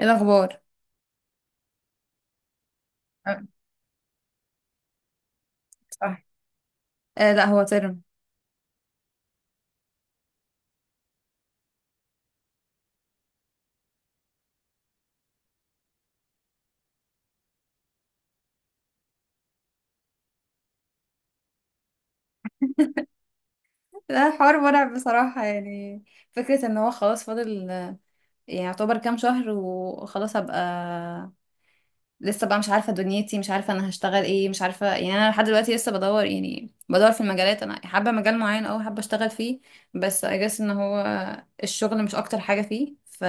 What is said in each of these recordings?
ايه الاخبار؟ آه، صح. آه، لا هو ترم. ده حوار مرعب بصراحة يعني. فكرة ان هو خلاص فاضل، يعني يعتبر كام شهر وخلاص هبقى. لسه بقى مش عارفة دنيتي، مش عارفة انا هشتغل ايه، مش عارفة يعني. انا لحد دلوقتي لسه بدور، يعني بدور في المجالات انا حابة مجال معين او حابة اشتغل فيه. بس اجس ان هو الشغل مش اكتر حاجة فيه، ف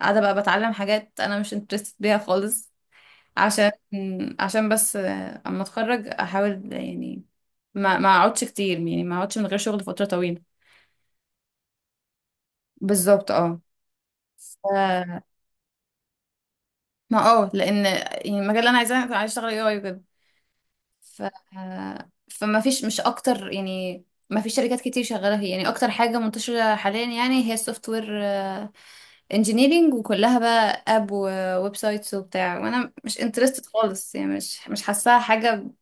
قاعدة بقى بتعلم حاجات انا مش انترستد بيها خالص. عشان عشان بس آه، اما اتخرج احاول يعني ما اقعدش كتير، يعني ما اقعدش من غير شغل فترة طويلة. بالظبط اه. ف... ما اه، لان يعني المجال اللي انا عايزاه كنت عايزه اشتغل اي اي وكده. ف... فما فيش، مش اكتر يعني. ما فيش شركات كتير شغاله فيه يعني. اكتر حاجه منتشره حاليا يعني هي السوفت وير انجينيرنج، وكلها بقى اب وويب سايتس وبتاع، وانا مش انترستد خالص يعني. مش حاساها حاجه،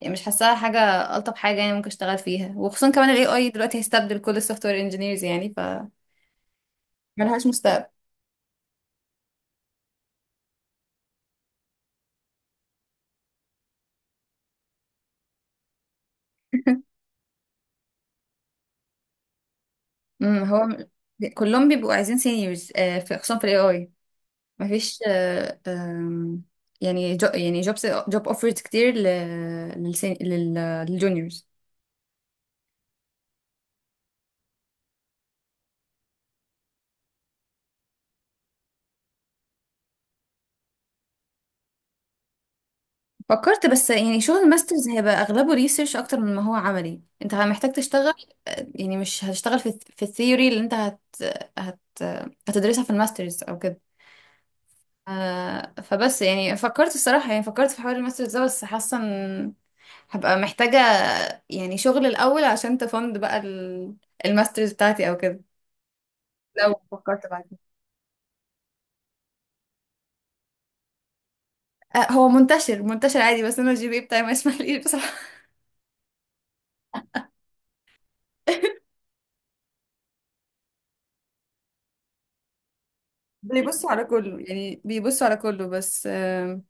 يعني مش حاساها حاجة. ألطف حاجة يعني ممكن اشتغل فيها، وخصوصا كمان ال AI دلوقتي هيستبدل كل ال software engineers يعني، ف ملهاش مستقبل. هو كلهم بيبقوا عايزين seniors، آه، في خصوصا في ال AI. مفيش آه، آم، يعني جو، يعني jobs، job offers كتير لل للجونيورز. فكرت، بس يعني شغل الماسترز هيبقى أغلبه ريسيرش أكتر من ما هو عملي. انت محتاج تشتغل يعني، مش هتشتغل في الثيوري اللي انت هت... هتدرسها في الماسترز أو كده. آه، فبس يعني فكرت الصراحة، يعني فكرت في حوار الماسترز ده، بس حاسة ان هبقى محتاجة يعني شغل الأول عشان تفند بقى الماسترز بتاعتي أو كده. لو فكرت بعد كده. آه، هو منتشر عادي، بس أنا الجي بي إيه بتاعي ما يسمحليش بصراحة. يعني بيبصوا على كله، بس آه،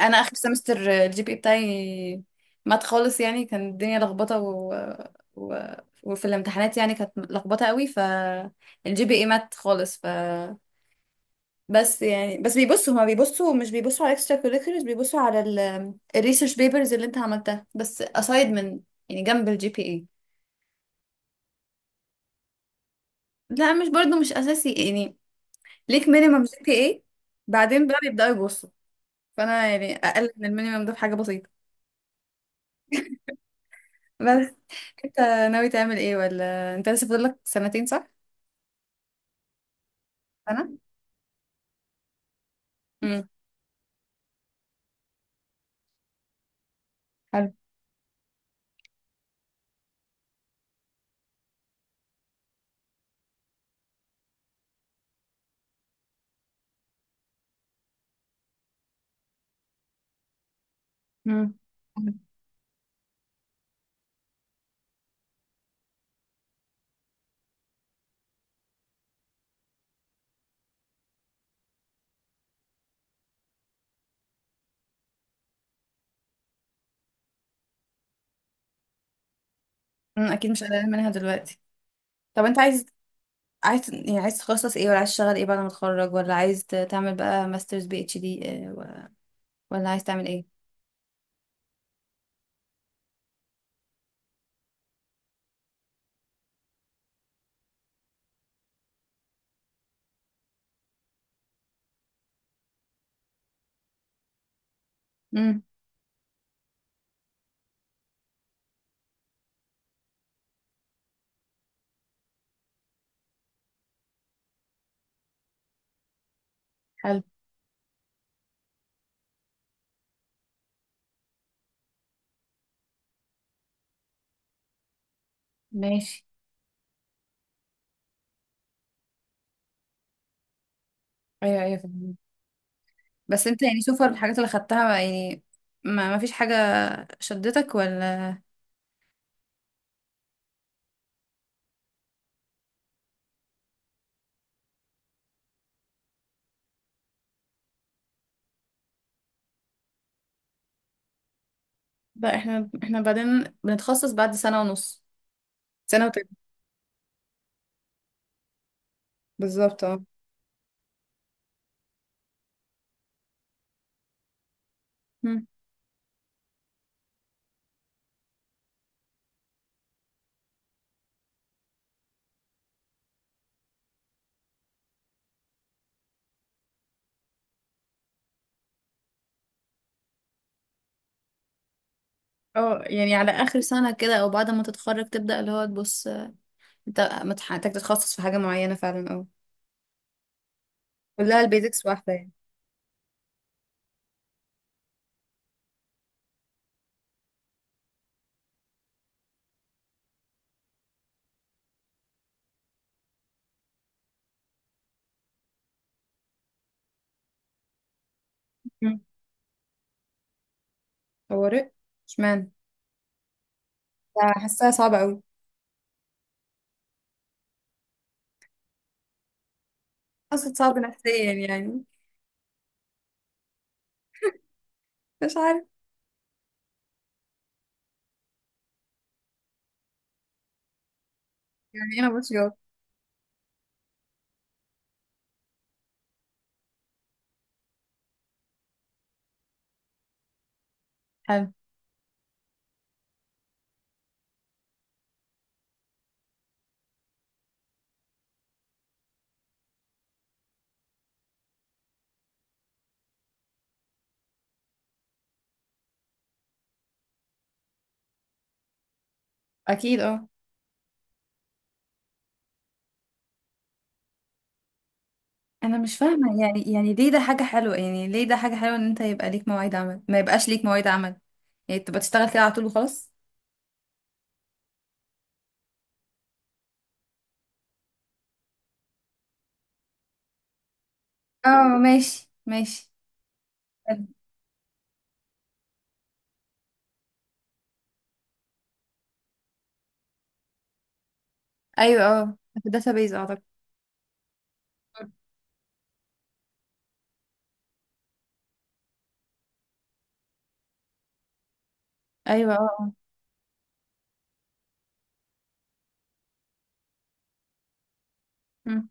أنا آخر سمستر الجي بي إيه بتاعي مات خالص. يعني كان الدنيا لخبطة، و... وفي الامتحانات يعني كانت لخبطة قوي، فالجي بي اي مات خالص. بس يعني بس بيبصوا هما بيبصوا مش بيبصوا على اكسترا كوريكولرز، بيبصوا على الريسيرش بيبرز اللي انت عملتها، بس aside من، يعني جنب الجي بي اي. لا، مش برضو مش اساسي يعني. ليك مينيمم جي بي اي، بعدين بقى بيبداوا يبصوا. فانا يعني اقل من المينيمم ده في حاجه بسيطه. بس انت ناوي تعمل ايه؟ ولا انت لسه فاضل لك سنتين؟ صح؟ انا. امم. حلو. امم. اكيد مش قلقان منها دلوقتي. طب انت عايز، عايز تخصص ايه؟ ولا عايز تشتغل ايه بعد ما تتخرج؟ ولا عايز تعمل بقى ماسترز بي اتش دي؟ ولا عايز تعمل ايه؟ امم. حلو. ماشي. ايوه ايوه، فهمت. بس انت يعني سوفر الحاجات اللي خدتها يعني، ما فيش حاجة شدتك؟ ولا؟ بقى احنا، بعدين بنتخصص بعد سنة ونص، سنة وتلت. بالظبط اه. مم. اه، يعني على اخر سنة كده، او بعد ما تتخرج تبدأ اللي هو تبص انت محتاج تتخصص في حاجة معينة فعلا، اه. كلها البيزكس واحدة يعني. مم. طوارئ؟ اشمعنى؟ حاساها صعبة أوي. أصلا صعب نفسيا يعني. مش عارف يعني. أنا مش جواب. حلو. اكيد اه. انا مش فاهمه يعني، يعني ليه ده حاجه حلوه؟ يعني ليه ده حاجه حلوه ان انت يبقى ليك مواعيد عمل، ما يبقاش ليك مواعيد عمل؟ يعني تبقى تشتغل كده على طول وخلاص. اه، ماشي ماشي. حلو. ايوه اه، في الداتابيز اعتقد. ايوه اه، آه. مم.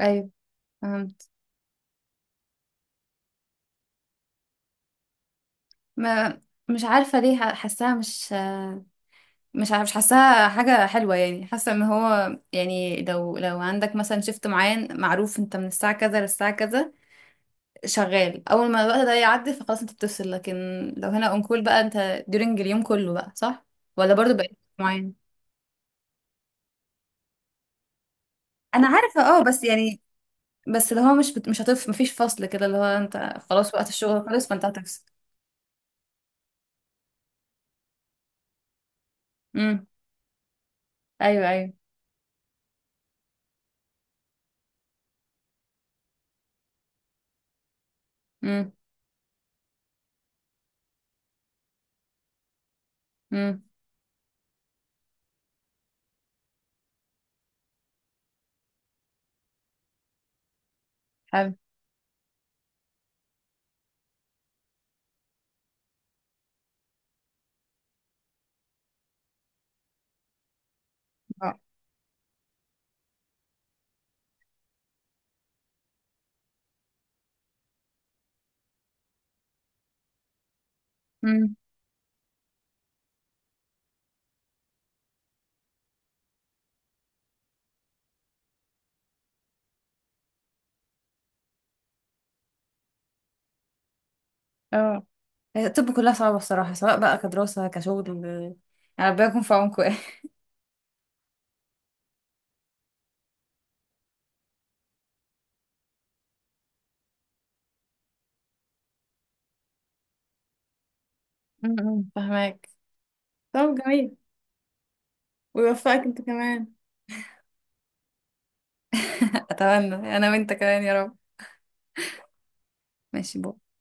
ايوه، فهمت. ما مش عارفه ليه حاساها مش، مش حاساها حاجة حلوة يعني. حاسة ان هو يعني، لو عندك مثلا شيفت معين معروف انت من الساعة كذا للساعة كذا، شغال اول ما الوقت ده يعدي فخلاص انت بتفصل. لكن لو هنا اون كول بقى انت ديورنج اليوم كله بقى صح؟ ولا برضو بقى معين؟ انا عارفة اه، بس يعني بس اللي هو مش هتف، مفيش فصل كده اللي هو انت خلاص وقت الشغل خلاص فانت هتفصل. امم. ايوه ايوه. امم. امم. حلو. اه اه. هي الطب كلها صعبة الصراحة، سواء بقى كدراسة كشغل يعني. ربنا يكون في عونكم يعني. فهماك. طب جميل. ويوفقك انت كمان. أتمنى، أنا وأنت كمان يا رب. ماشي.